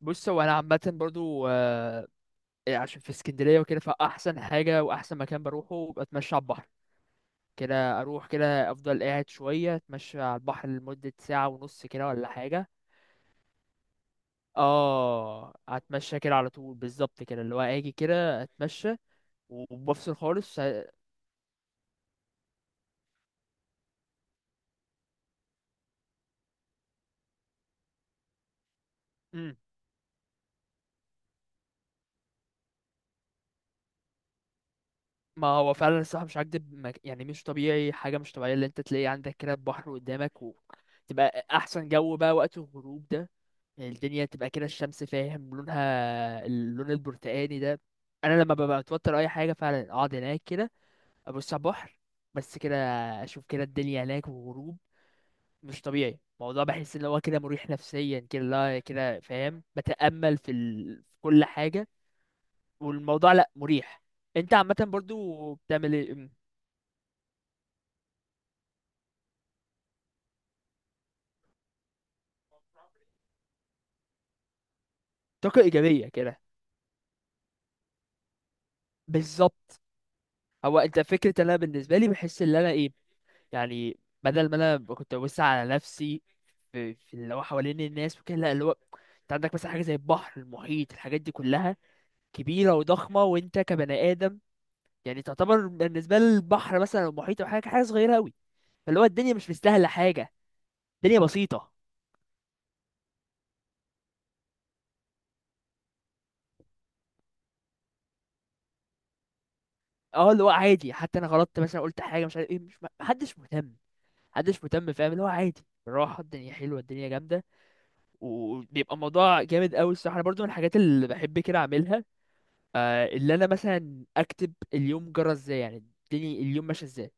بص، هو انا عامه برضو عشان في اسكندريه وكده، فاحسن حاجه واحسن مكان بروحه بتمشى على البحر كده. اروح كده، افضل قاعد شويه اتمشى على البحر لمده ساعه ونص كده ولا حاجه. اه، اتمشى كده على طول، بالظبط كده، اللي هو اجي كده اتمشى وبفصل خالص. امم ما هو فعلا الصراحة مش هكدب، يعني مش طبيعي، حاجة مش طبيعية اللي انت تلاقي عندك كده البحر قدامك، وتبقى أحسن جو بقى وقت الغروب ده. يعني الدنيا تبقى كده، الشمس فاهم لونها اللون البرتقاني ده. أنا لما ببقى متوتر أي حاجة، فعلا أقعد هناك كده، أبص على البحر، بس كده، أشوف كده الدنيا هناك والغروب. مش طبيعي الموضوع، بحس إن هو كده مريح نفسيا كده، لا كده فاهم، بتأمل في كل حاجة. والموضوع لأ مريح. انت عامة برضو بتعمل ايه؟ طاقة إيجابية كده؟ بالظبط. هو أنت فكرة إن أنا بالنسبة لي بحس إن أنا إيه، يعني بدل ما أنا كنت ببص على نفسي في اللي هو حوالين الناس وكده، لا اللي هو أنت عندك مثلا حاجة زي البحر، المحيط، الحاجات دي كلها كبيرة وضخمة، وأنت كبني آدم يعني تعتبر بالنسبة للبحر مثلا أو المحيط أو حاجة، حاجة صغيرة أوي. فاللي هو الدنيا مش مستاهلة حاجة، الدنيا بسيطة. اه، اللي هو عادي، حتى أنا غلطت مثلا قلت حاجة مش عارف إيه، مش محدش مهتم، محدش مهتم فاهم، اللي هو عادي بالراحة. الدنيا حلوة، الدنيا جامدة، وبيبقى الموضوع جامد قوي. الصراحه انا برضو من الحاجات اللي بحب كده اعملها، آه، اللي انا مثلا اكتب اليوم جرى ازاي، يعني الدنيا اليوم ماشي ازاي.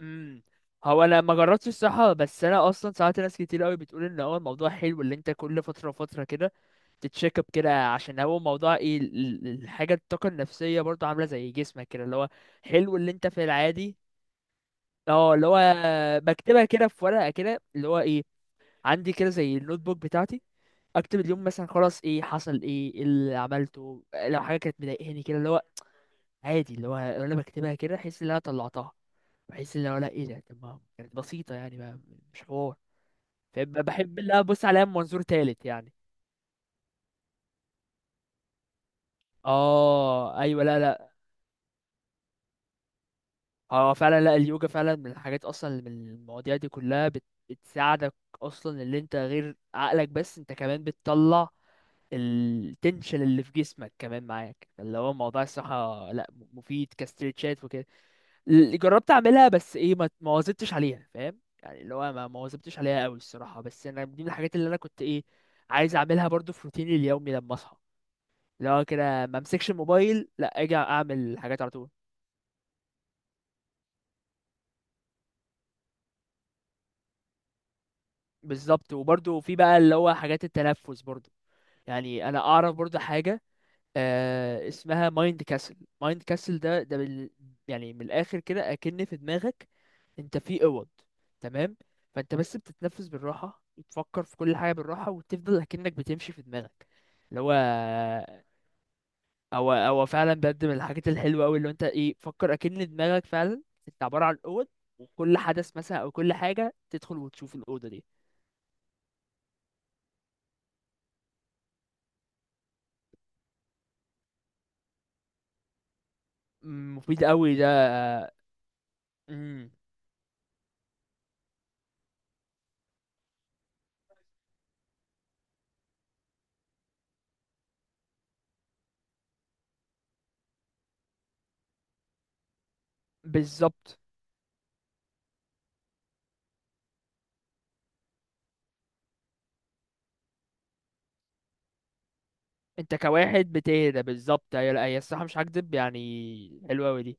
امم هو انا ما جربتش الصراحه، بس انا اصلا ساعات ناس كتير قوي بتقول ان هو الموضوع حلو، اللي انت كل فتره وفتره كده تتشيك اب كده، عشان هو موضوع ايه الحاجه، الطاقه النفسيه برضو عامله زي جسمك كده اللي هو حلو، اللي انت في العادي. اه، اللي هو بكتبها كده في ورقه كده، اللي هو ايه، عندي كده زي النوت بوك بتاعتي، اكتب اليوم مثلا خلاص ايه حصل، ايه إيه اللي عملته، لو حاجه كانت مضايقاني كده، اللي هو عادي. اللي هو انا بكتبها كده، احس ان انا طلعتها، بحس ان هو لا ايه ده، طب ما كانت بسيطه يعني، ما مش حوار. فبحب اللي أنا ابص عليها من منظور تالت يعني. اه ايوه، لا لا. اه فعلا، لا اليوجا فعلا من الحاجات، اصلا من المواضيع دي كلها بتساعدك، اصلا اللي انت غير عقلك، بس انت كمان بتطلع التنشن اللي في جسمك كمان معاك، اللي هو موضوع الصحة، لا مفيد كاستريتشات وكده. جربت اعملها بس ايه، ما واظبتش عليها فاهم، يعني اللي هو ما واظبتش عليها قوي الصراحه، بس انا دي من الحاجات اللي انا كنت ايه، عايز اعملها برضو في روتيني اليومي لما اصحى، اللي هو كده ما امسكش الموبايل، لا اجي اعمل حاجات على طول. بالظبط. وبرضو في بقى اللي هو حاجات التنفس برضو، يعني انا اعرف برضو حاجه، آه، اسمها مايند كاسل. مايند كاسل ده يعني من الاخر كده، اكن في دماغك انت في اوض، تمام؟ فانت بس بتتنفس بالراحه، وتفكر في كل حاجه بالراحه، وتفضل اكنك بتمشي في دماغك. اللي هو، او فعلا بجد من الحاجات الحلوه قوي، اللي انت ايه فكر اكن دماغك فعلا انت عباره عن اوض، وكل حدث مثلا او كل حاجه تدخل وتشوف الاوضه دي. مفيد قوي ده. مم، بالظبط. انت كواحد بتهدى، بالظبط. هي لا، هي الصراحه مش هكدب يعني، حلوه قوي دي.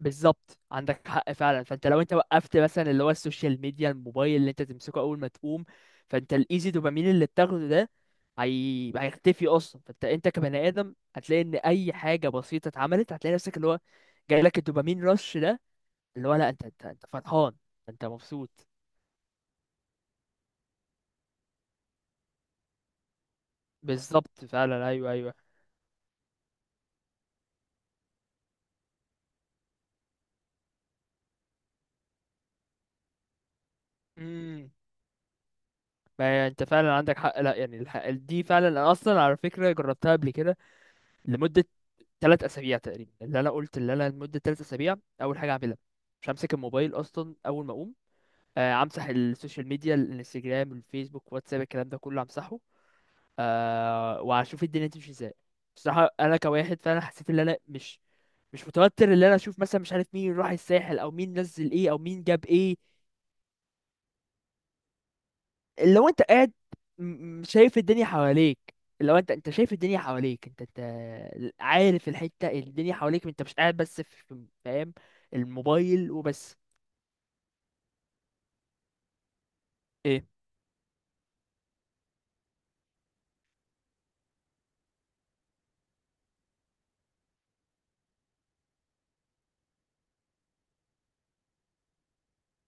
بالظبط عندك حق فعلا، فانت لو انت وقفت مثلا اللي هو السوشيال ميديا، الموبايل اللي انت تمسكه اول ما تقوم، فانت الايزي دوبامين اللي بتاخده ده هيختفي اصلا. فانت انت كبني ادم هتلاقي ان اي حاجه بسيطه اتعملت، هتلاقي نفسك اللي هو جاي لك الدوبامين رش ده، اللي هو لا انت فرحان، انت مبسوط. بالظبط فعلا، ايوه ايوه. مم. ما هي انت فعلا عندك حق، لا يعني الحق دي فعلا، انا اصلا على فكره جربتها قبل كده، لمده ثلاث اسابيع تقريبا. اللي انا قلت اللي انا لمده ثلاث اسابيع، اول حاجه اعملها مش همسك الموبايل اصلا اول ما اقوم، امسح السوشيال ميديا، الانستجرام، الفيسبوك، واتساب، الكلام ده كله امسحه، أه، واشوف الدنيا تمشي ازاي. بصراحه انا كواحد فعلا حسيت ان انا مش متوتر، ان انا اشوف مثلا مش عارف مين راح الساحل، او مين نزل ايه، او مين جاب ايه. لو انت قاعد، شايف الدنيا حواليك، لو انت شايف الدنيا حواليك، انت عارف الحتة، الدنيا حواليك، انت مش قاعد بس في فاهم الموبايل وبس. ايه؟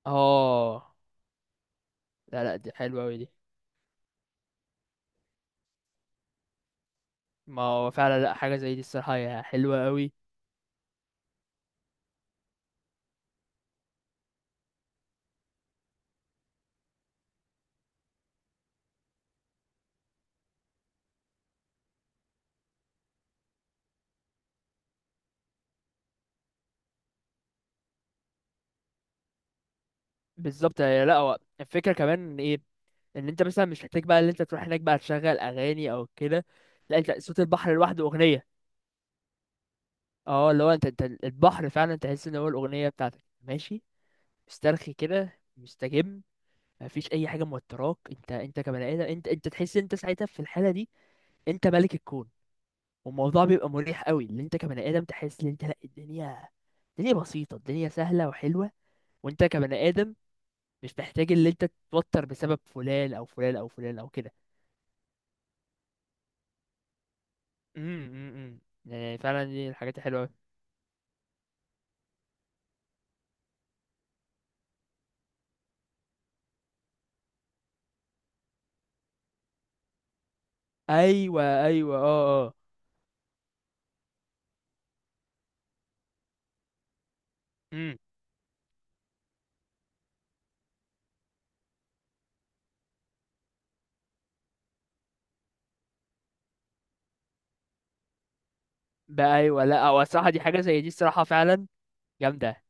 اه، لا لا دي حلوة أوي دي. ما هو فعلا لا، حاجة زي دي الصراحة هي حلوة أوي. بالظبط. هي- لا، هو الفكرة كمان إن ايه، ان انت مثلا مش محتاج بقى ان انت تروح هناك بقى تشغل اغاني او كده. لا، انت صوت البحر لوحده اغنية. اه اللي هو انت، انت البحر فعلا تحس ان هو الاغنية بتاعتك، ماشي مسترخي كده، مستجم، مفيش اي حاجه موتراك. انت كبني ادم، انت تحس انت ساعتها في الحاله دي انت ملك الكون. والموضوع بيبقى مريح قوي، اللي انت كبني ادم تحس ان انت لا، الدنيا، الدنيا بسيطه، الدنيا سهله وحلوه، وانت كبني ادم مش محتاج اللي انت تتوتر بسبب فلان او فلان او فلان او كده. امم امم يعني فعلا دي الحاجات الحلوه أوي. ايوه ايوه، اه اه. امم بقى ايوه، لا هو الصراحه دي حاجه زي دي الصراحه فعلا جامده.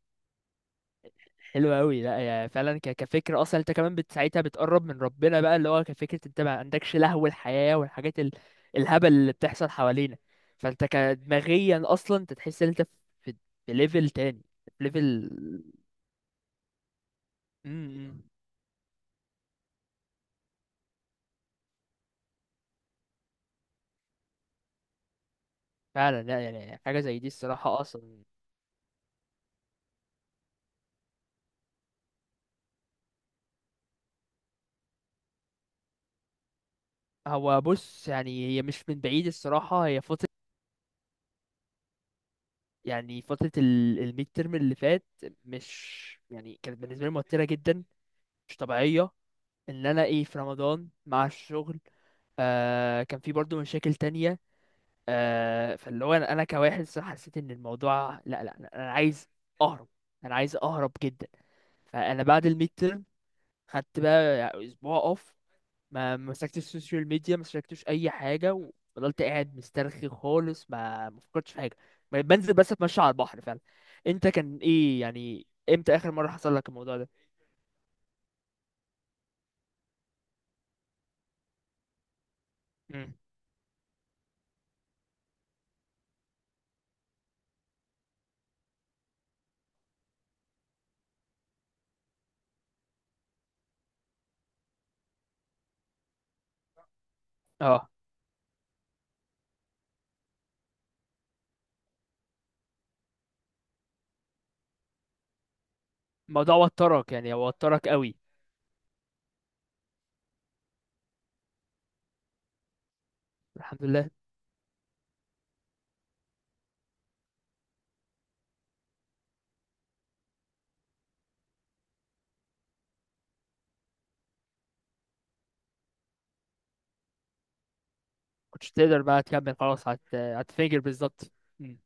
حلو قوي، لا يا فعلا، كفكره اصلا انت كمان ساعتها بتقرب من ربنا بقى، اللي هو كفكره انت ما عندكش لهو الحياه والحاجات الهبل اللي بتحصل حوالينا. فانت كدماغيا اصلا انت تحس ان انت في، في ليفل تاني، في ليفل. امم فعلا، لا يعني حاجه زي دي الصراحه اصلا. هو بص، يعني هي مش من بعيد الصراحه، هي فتره، يعني فتره الميد ترم اللي فات، مش يعني كانت بالنسبه لي موتره جدا، مش طبيعيه، ان انا ايه في رمضان مع الشغل. آه، كان في برضو مشاكل تانية. آه، فاللي هو انا، أنا كواحد صراحة حسيت ان الموضوع لا لا لا، انا عايز اهرب، انا عايز اهرب جدا. فانا بعد الميد تيرم خدت بقى اسبوع اوف، ما مسكتش السوشيال ميديا، ما مسكتش اي حاجة، وفضلت قاعد مسترخي خالص، ما فكرتش في حاجة، بنزل بس اتمشى على البحر فعلا. انت كان ايه يعني، امتى اخر مرة حصل لك الموضوع ده؟ مم. اه، الموضوع وترك يعني، وترك قوي. الحمد لله. كنتش تقدر بقى تكمل خلاص، هتنفجر بالظبط. م.